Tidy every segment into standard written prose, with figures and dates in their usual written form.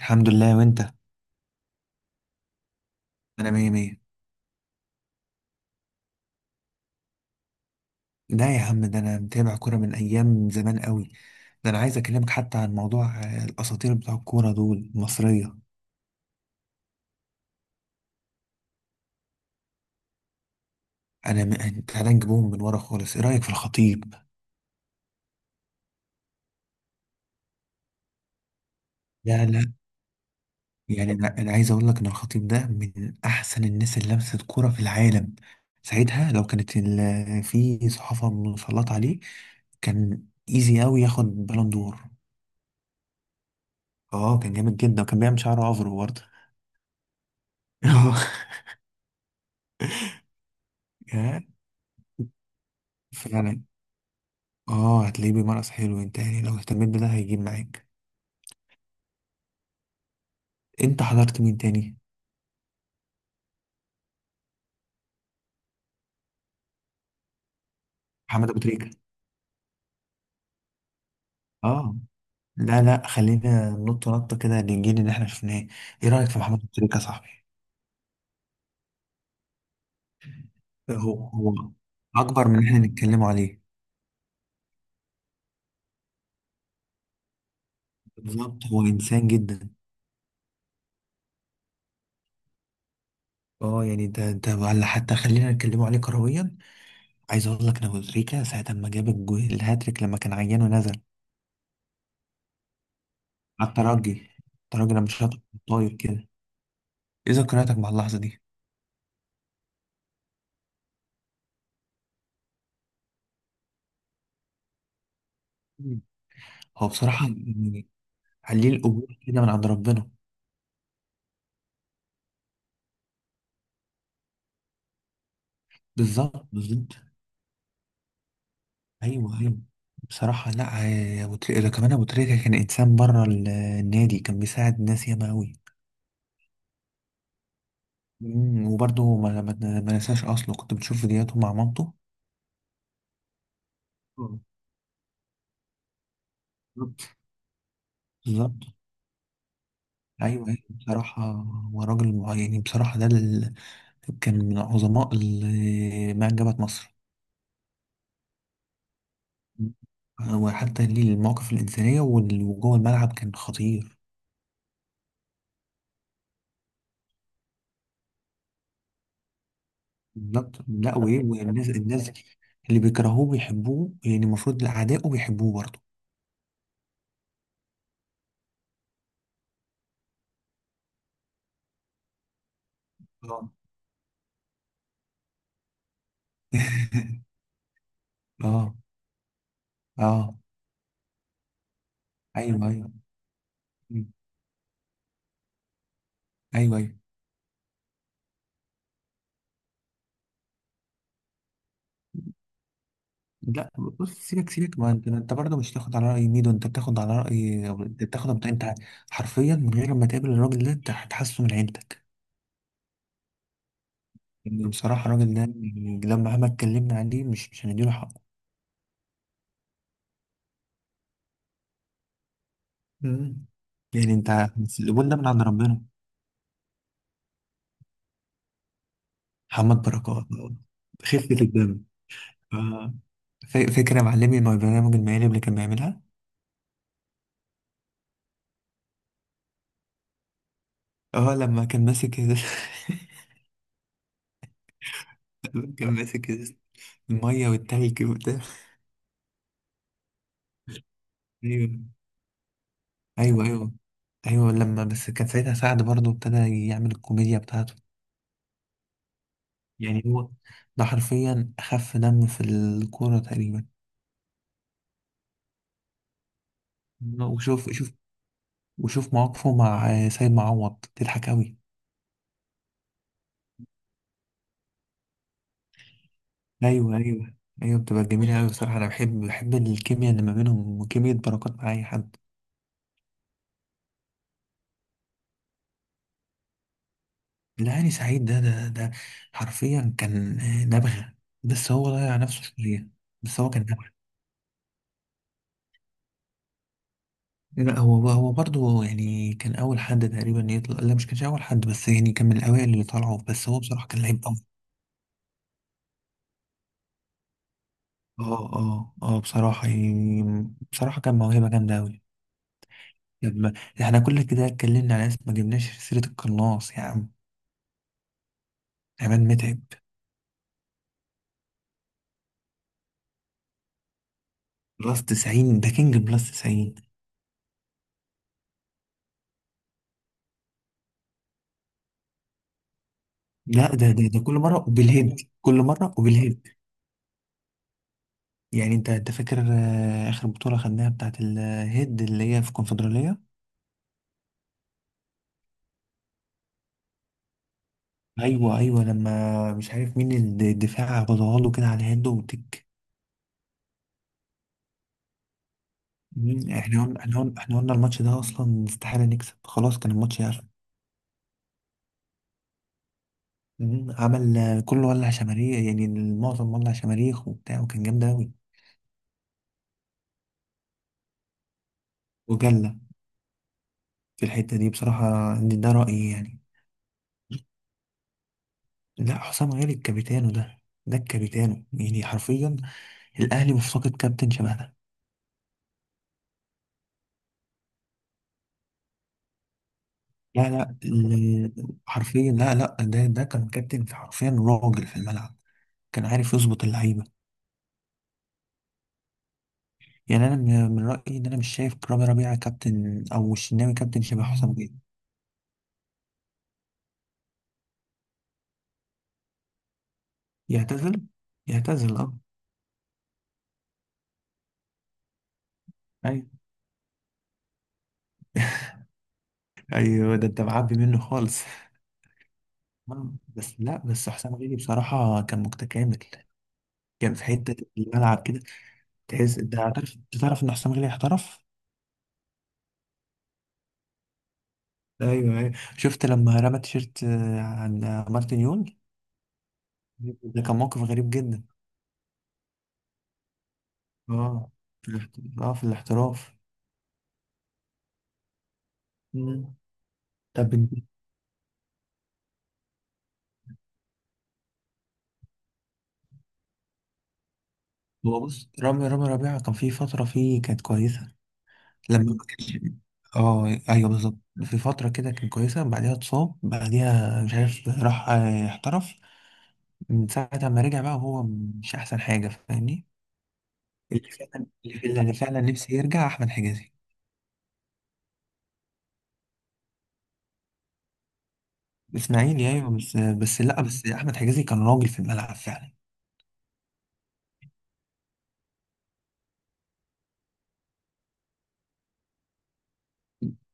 الحمد لله، وانت؟ انا مية مية. لا يا عم، ده انا متابع كورة من ايام زمان قوي. ده انا عايز اكلمك حتى عن موضوع الاساطير بتوع الكورة دول المصرية. تعالى نجيبهم من ورا خالص. ايه رأيك في الخطيب؟ لا، لا. يعني انا عايز اقول لك ان الخطيب ده من احسن الناس اللي لمست كورة في العالم. ساعتها لو كانت في صحافة مسلطة عليه، كان ايزي قوي ياخد بالون دور. اه، كان جامد جدا وكان بيعمل شعره افرو برضه. يا. فعلا. اه، هتلاقيه بيمارس حلو. انت يعني لو اهتميت بده هيجيب معاك. انت حضرت مين تاني؟ محمد ابو تريكة. اه. لا، لا، خلينا ننط نطه كده للجيل اللي احنا شفناه. ايه رايك في محمد ابو تريكة يا صاحبي؟ هو اكبر من اللي احنا نتكلمه عليه. بالظبط، هو انسان جدا. اه، يعني ده ولا حتى خلينا نتكلمه عليه كرويا. عايز اقول لك ان ابو تريكة ساعه ما جاب الهاتريك لما كان عيان ونزل على الترجي. الترجي لما شاط طاير كده. ايه ذكرياتك مع اللحظه دي؟ مم. هو بصراحة يعني عليه القبول كده من عند ربنا. بالظبط، بالظبط. ايوه، ايوه. بصراحه، لا. ده كمان ابو تريكه كان انسان بره النادي، كان بيساعد ناس ياما قوي. وبرضه ما نساش اصله كنت بتشوف فيديوهاته مع مامته. آه، بالظبط. بالظبط. ايوه، أيوة. بصراحه، هو راجل يعني بصراحه ده كان من عظماء ما انجبت مصر. مم. وحتى ليه المواقف الانسانيه وجوه الملعب كان خطير. بالظبط، لا وايه، والناس، الناس اللي بيكرهوه بيحبوه. يعني المفروض اعدائه بيحبوه برضه. اه. اه، اه، ايوه، ايوه. مم. ايوه، ايوه. لا، بص، سيبك سيبك، ما انت برضه مش تاخد على راي ميدو، انت بتاخد على راي، انت بتاخد انت. حرفيا من غير ما تقابل الراجل ده انت هتحسه من عيلتك. يعني بصراحه الراجل ده يعني لما مهما اتكلمنا عليه مش هنديله حقه. مم. يعني انت بس القبول ده من عند ربنا. محمد بركات. خفه الدم. آه. فاكر يا معلمي مع البرنامج المالي اللي كان بيعملها؟ اه، لما كان ماسك ال- لما كان ماسك ال- المية والتلج وبتاع. ايوه، ايوه، ايوه، ايوه. لما بس كان ساعتها سعد برضه ابتدى يعمل الكوميديا بتاعته. يعني هو ده حرفيا اخف دم في الكورة تقريبا. وشوف، شوف، وشوف مواقفه مع سيد معوض تضحك قوي. ايوه، ايوه. ايوه، بتبقى جميلة قوي. بصراحة انا بحب، بحب الكيمياء اللي ما بينهم وكيمياء بركات مع اي حد. لا، هاني سعيد ده حرفيا كان نبغة. بس هو ضيع نفسه شوية. بس هو كان نبغة. لا، هو برضه يعني كان أول حد تقريبا يطلع. لا، مش كانش أول حد، بس يعني كان من الأوائل اللي طلعوا. بس هو بصراحة كان لعيب أوي. اه، اه، اه، بصراحة يعني، بصراحة كان موهبة جامدة أوي. لما احنا كل كده اتكلمنا على ناس، ما جبناش سيرة القناص يا عم. عماد متعب. بلس 90 ده كينج بلس 90. لا، ده كل مرة وبالهيد، كل مرة وبالهيد. يعني انت فاكر اخر بطولة خدناها بتاعت الهيد اللي هي في الكونفدرالية؟ ايوه، ايوه، لما مش عارف مين الدفاع غضاها له كده على الهيد وتك. احنا قلنا، احنا قلنا، احنا قلنا الماتش ده اصلا استحالة نكسب خلاص. كان الماتش يعرف. عمل كله، ولع شماريخ، يعني المعظم ولع شماريخ وبتاع، وكان جامد اوي. وجلة. في الحتة دي بصراحة ده رأيي يعني. لا، حسام غالي الكابيتانو ده. ده الكابيتانو يعني حرفيا. الاهلي مفتقد كابتن شبه ده. لا، لا، حرفيا. لا، لا، ده كان كابتن. في، حرفيا، راجل في الملعب. كان عارف يظبط اللعيبه. يعني انا من رايي ان انا مش شايف رامي ربيعه كابتن او الشناوي كابتن شبه حسام بيه. يعتزل. يعتزل، اه. ايوه، ايوه، ده انت معبي منه خالص. بس لا، بس حسام غالي بصراحه كان متكامل. كان في حته الملعب كده، تحس، انت عارف، انت تعرف ان حسام غالي احترف. ايوه، ايوه. شفت لما رمى تيشيرت عن مارتن يون؟ ده كان موقف غريب جدا. اه. في الاحت... اه، في الاحتراف. مم. طب هو بص، رامي ربيعة كان في فترة فيه كانت كويسة. لما ما كانش. اه، ايوه، بالظبط. في فترة كده كانت كويسة، بعدها اتصاب، بعديها مش عارف راح احترف. من ساعة ما رجع بقى هو مش أحسن حاجة، فاهمني؟ اللي فعلا اللي فعلا نفسي يرجع أحمد حجازي. إسماعيلي، أيوه، بس لأ، بس أحمد حجازي كان راجل في الملعب فعلا.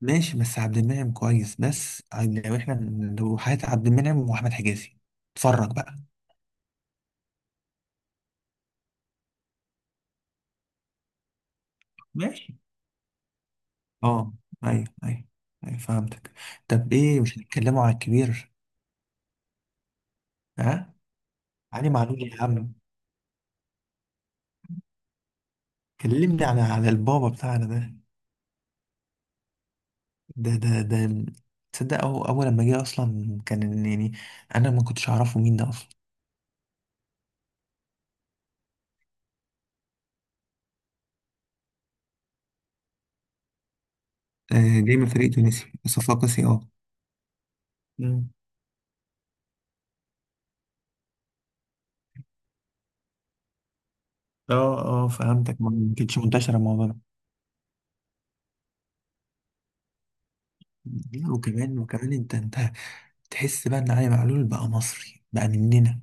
ماشي، بس عبد المنعم كويس، بس لو احنا، لو حياة عبد المنعم واحمد حجازي، اتفرج بقى. ماشي. اه، ايوه، ايوه. ايوه، فهمتك. طب ايه، مش هنتكلموا على الكبير؟ ها. علي معلول يا عم. كلمني على البابا بتاعنا ده ده ده ده تصدق أو اول لما جه اصلا كان يعني انا ما كنتش اعرفه مين ده اصلا. جاي من فريق تونسي صفاقسي، اه. مم. اه، اه، فهمتك، ما كانتش منتشره الموضوع ده. لا، وكمان، انت تحس بقى ان علي معلول بقى مصري بقى مننا،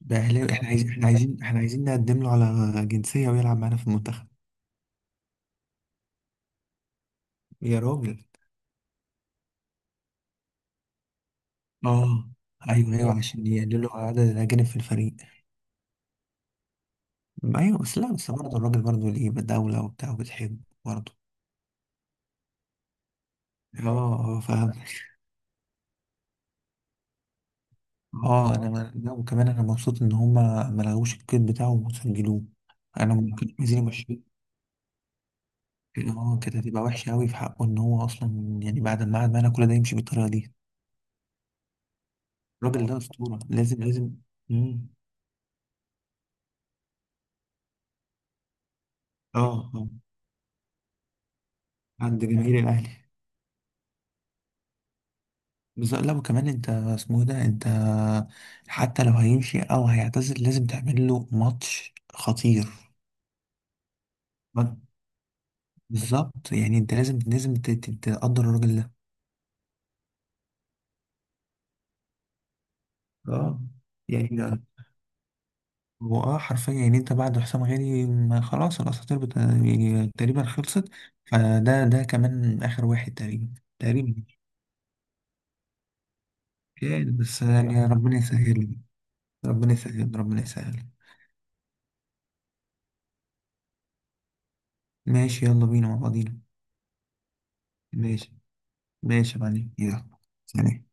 بقى اهلاوي. احنا عايزين، نقدم له على جنسية ويلعب معانا في المنتخب. يا راجل. اه، ايوه، ايوه، عشان يقللوا عدد الاجانب في الفريق. ايوه، بس لا، بس برضه الراجل برضه ليه دولة وبتاع وبتحب برضه. اه، اه، فاهم. اه، انا ما- لا، وكمان انا مبسوط ان هما ما لغوش الكيت بتاعه وسجلوه. انا ممكن عايزين يمشوه. اه، كانت هتبقى وحشة قوي في حقه ان هو اصلا يعني بعد ما قعد معانا كل ده يمشي بالطريقة دي. الراجل ده أسطورة، لازم لازم. مم. اه، اه. عند جماهير الأهلي. بالظبط، لا، وكمان أنت اسمه إيه، ده أنت حتى لو هيمشي أو هيعتزل لازم تعمل له ماتش خطير. ما- بالظبط، يعني أنت لازم لازم تقدر الراجل ده. اه، يعني ده هو، اه، حرفيا يعني انت بعد حسام غالي ما خلاص الاساطير يعني تقريبا خلصت. فده كمان اخر واحد تقريبا، تقريبا. يعني بس يعني ربنا يسهل. ربنا يسهل، ربنا يسهل. ماشي، يلا بينا مع بعضينا. ماشي. ماشي يا معلم، يلا. سلام.